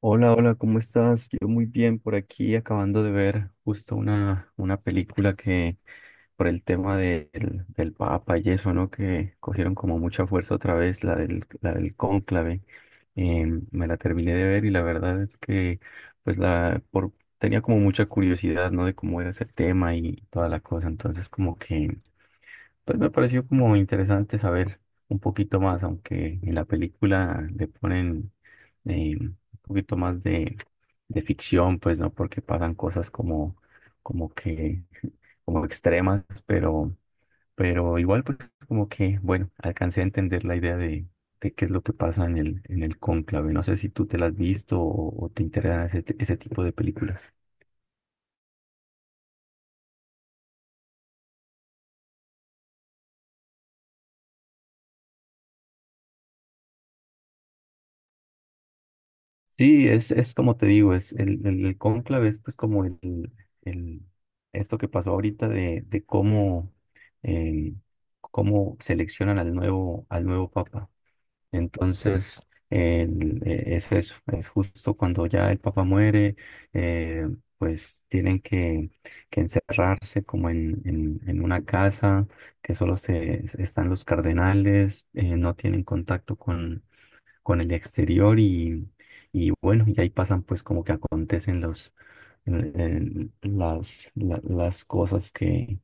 Hola, hola, ¿cómo estás? Yo muy bien por aquí, acabando de ver justo una película que por el tema del Papa y eso, ¿no? Que cogieron como mucha fuerza otra vez, la del cónclave. Eh, Me la terminé de ver y la verdad es que pues la por, tenía como mucha curiosidad, ¿no? De cómo era ese tema y toda la cosa. Entonces como que pues me pareció como interesante saber un poquito más, aunque en la película le ponen un poquito más de ficción, pues no, porque pasan cosas como, como que, como extremas, pero igual pues como que, bueno, alcancé a entender la idea de qué es lo que pasa en el cónclave. No sé si tú te la has visto o te interesan ese, ese tipo de películas. Sí, es como te digo, es el cónclave es pues como el, el- esto que pasó ahorita de cómo, eh, cómo seleccionan al nuevo papa. Entonces, es eso, es justo cuando ya el papa muere, eh, pues tienen que encerrarse como en, en una casa que solo se, están los cardenales, no tienen contacto con el exterior y bueno, y ahí pasan pues como que acontecen los, las cosas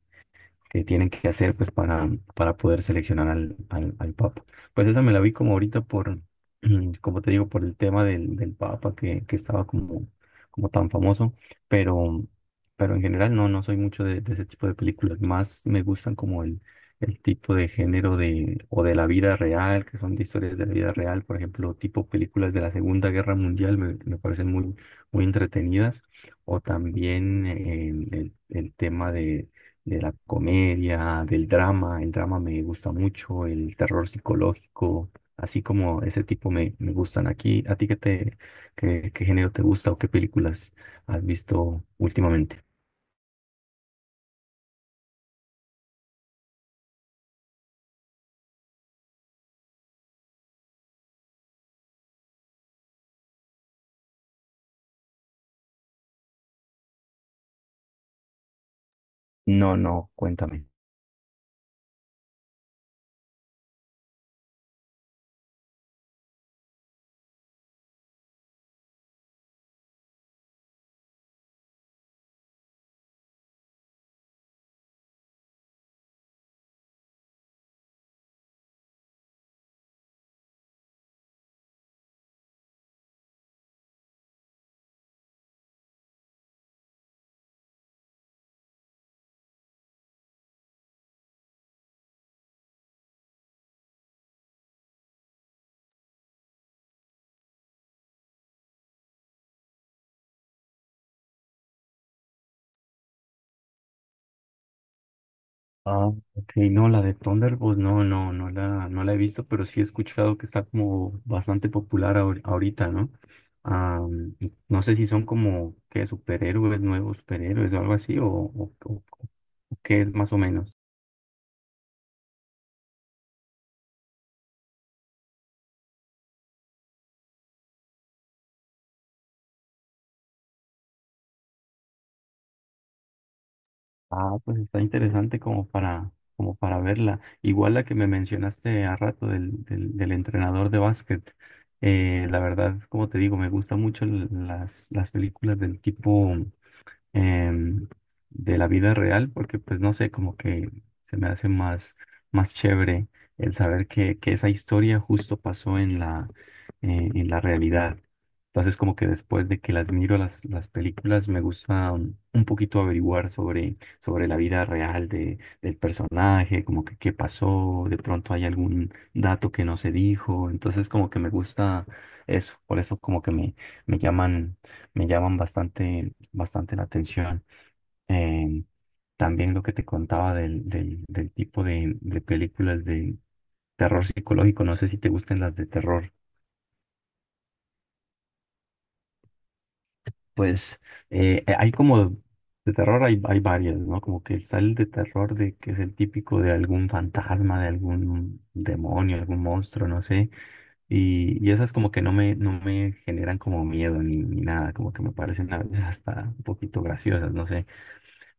que tienen que hacer pues para poder seleccionar al, al, al Papa. Pues esa me la vi como ahorita por, como te digo, por el tema del, del Papa que estaba como, como tan famoso, pero, pero en general no, no soy mucho de ese tipo de películas, más me gustan como el tipo de género de, o de la vida real, que son de historias de la vida real, por ejemplo, tipo películas de la Segunda Guerra Mundial me, me parecen muy, muy entretenidas, o también el tema de la comedia, del drama. El drama me gusta mucho, el terror psicológico, así como ese tipo me, me gustan aquí. ¿A ti qué te, qué, qué género te gusta o qué películas has visto últimamente? No, no, cuéntame. Ah, ok, no, la de Thunderbolts, no, no, no la, no la he visto, pero sí he escuchado que está como bastante popular ahorita, ¿no? Ah, y no sé si son como que superhéroes, nuevos superhéroes o algo así, o, o qué es más o menos. Ah, pues está interesante como para, como para verla. Igual la que me mencionaste a rato del, del, del entrenador de básquet. La verdad, como te digo, me gustan mucho las películas del tipo em, de la vida real, porque pues no sé, como que se me hace más, más chévere el saber que esa historia justo pasó en la realidad. Entonces como que después de que las miro las películas, me gusta un poquito averiguar sobre, sobre la vida real de, del personaje, como que qué pasó, de pronto hay algún dato que no se dijo, entonces como que me gusta eso, por eso como que me, me llaman, me llaman bastante bastante la atención. Eh, También lo que te contaba del, del, del tipo de películas de terror psicológico, no sé si te gusten las de terror. Pues hay como de terror, hay varias, ¿no? Como que está el de terror de que es el típico de algún fantasma, de algún demonio, algún monstruo, no sé. Y esas como que no me, no me generan como miedo ni, ni nada, como que me parecen a veces hasta un poquito graciosas, no sé.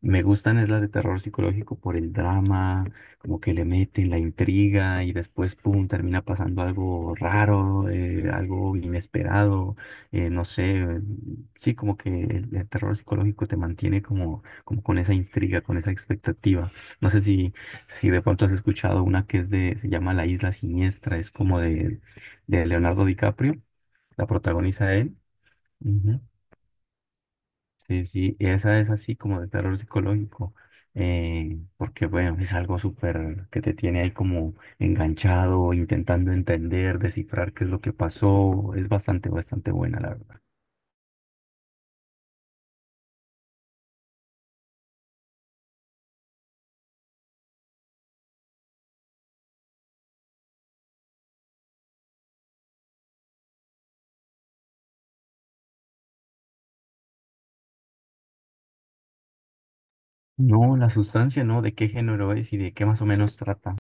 Me gustan es las de terror psicológico por el drama, como que le meten la intriga y después, pum, termina pasando algo raro, algo inesperado, no sé, sí, como que el terror psicológico te mantiene como, como con esa intriga, con esa expectativa. No sé si, si de pronto has escuchado una que es de, se llama La Isla Siniestra, es como de Leonardo DiCaprio, la protagoniza él. Ujú. Sí, sí, y esa es así como de terror psicológico, porque bueno, es algo súper que te tiene ahí como enganchado, intentando entender, descifrar qué es lo que pasó, es bastante, bastante buena, la verdad. No, la sustancia, ¿no? ¿De qué género es y de qué más o menos trata?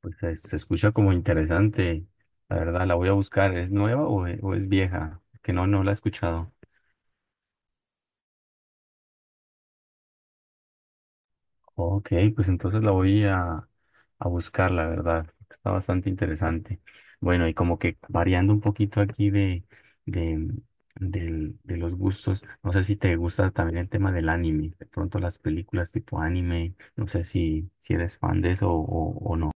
Pues se escucha como interesante, la verdad, la voy a buscar, ¿es nueva o, o es vieja? Que no, no la he escuchado. Ok, pues entonces la voy a buscar, la verdad. Está bastante interesante. Bueno, y como que variando un poquito aquí de, de los gustos, no sé si te gusta también el tema del anime, de pronto las películas tipo anime, no sé si, si eres fan de eso o no.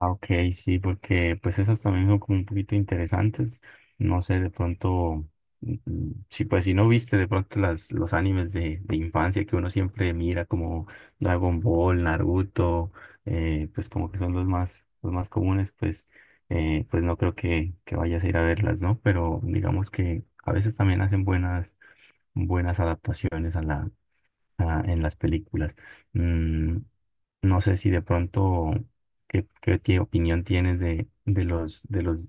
Ah, ok, sí, porque pues esas también son como un poquito interesantes. No sé, de pronto, sí, pues si no viste de pronto las, los animes de infancia que uno siempre mira como Dragon Ball, Naruto, pues como que son los más comunes, pues, pues no creo que vayas a ir a verlas, ¿no? Pero digamos que a veces también hacen buenas, buenas adaptaciones ah, en las películas. Mm, no sé si de pronto, ¿qué, qué opinión tienes de los, de los,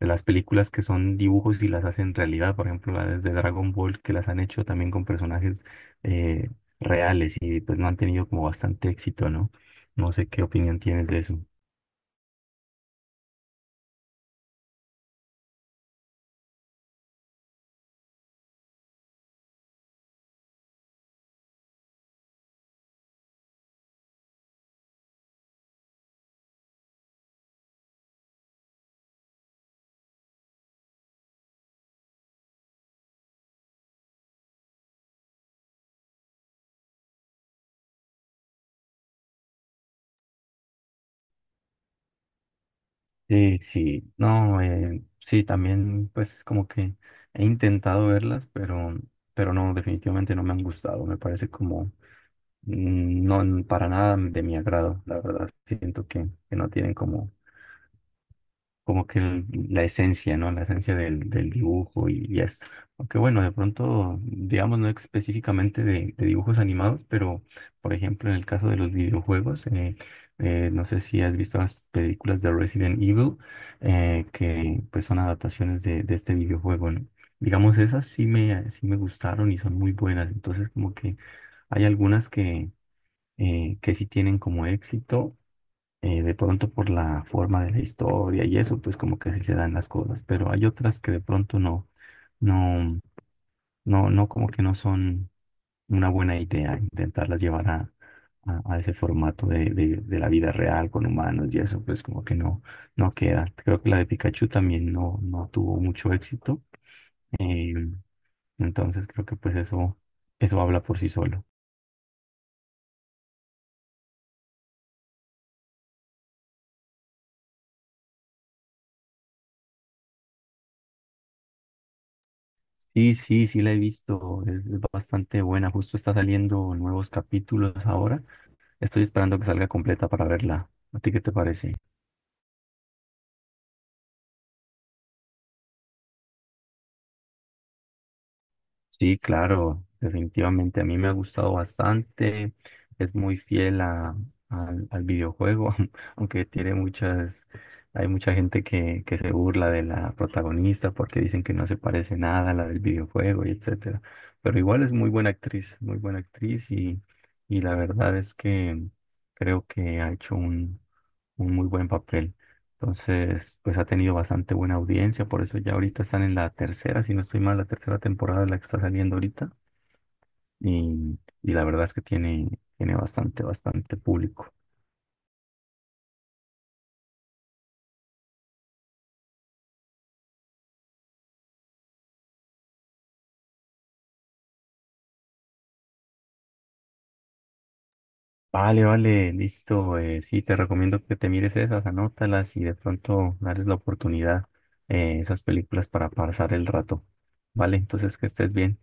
de las películas que son dibujos y las hacen realidad? Por ejemplo, las de Dragon Ball, que las han hecho también con personajes eh, reales y pues no han tenido como bastante éxito, ¿no? No sé qué opinión tienes de eso. Sí, sí, no, sí, también pues como que he intentado verlas, pero no, definitivamente no me han gustado, me parece como no para nada de mi agrado, la verdad. Siento que no tienen como, como que la esencia, ¿no? La esencia del, del dibujo y esto. Aunque bueno, de pronto, digamos, no específicamente de dibujos animados, pero por ejemplo, en el caso de los videojuegos, no sé si has visto las películas de Resident Evil, que pues son adaptaciones de este videojuego, ¿no? Digamos, esas sí me gustaron y son muy buenas. Entonces, como que... Hay algunas que sí tienen como éxito, de pronto por la forma de la historia y eso, pues como que así se dan las cosas, pero hay otras que de pronto no, no, no, no como que no son una buena idea intentarlas llevar a ese formato de la vida real con humanos y eso, pues como que no, no queda. Creo que la de Pikachu también no, no tuvo mucho éxito, eh, entonces creo que pues eso habla por sí solo. Sí, sí, sí la he visto, es bastante buena, justo está saliendo nuevos capítulos ahora, estoy esperando que salga completa para verla. ¿A ti qué te parece? Sí, claro, definitivamente a mí me ha gustado bastante, es muy fiel a, al, al videojuego, aunque tiene muchas, hay mucha gente que se burla de la protagonista porque dicen que no se parece nada a la del videojuego y etcétera, pero igual es muy buena actriz y la verdad es que creo que ha hecho un muy buen papel. Entonces, pues ha tenido bastante buena audiencia, por eso ya ahorita están en la tercera, si no estoy mal, la tercera temporada de la que está saliendo ahorita. Y la verdad es que tiene, tiene bastante, bastante público. Vale, vale, listo. Sí, te recomiendo que te mires esas, anótalas y de pronto darles la oportunidad esas películas para pasar el rato. Vale, entonces que estés bien.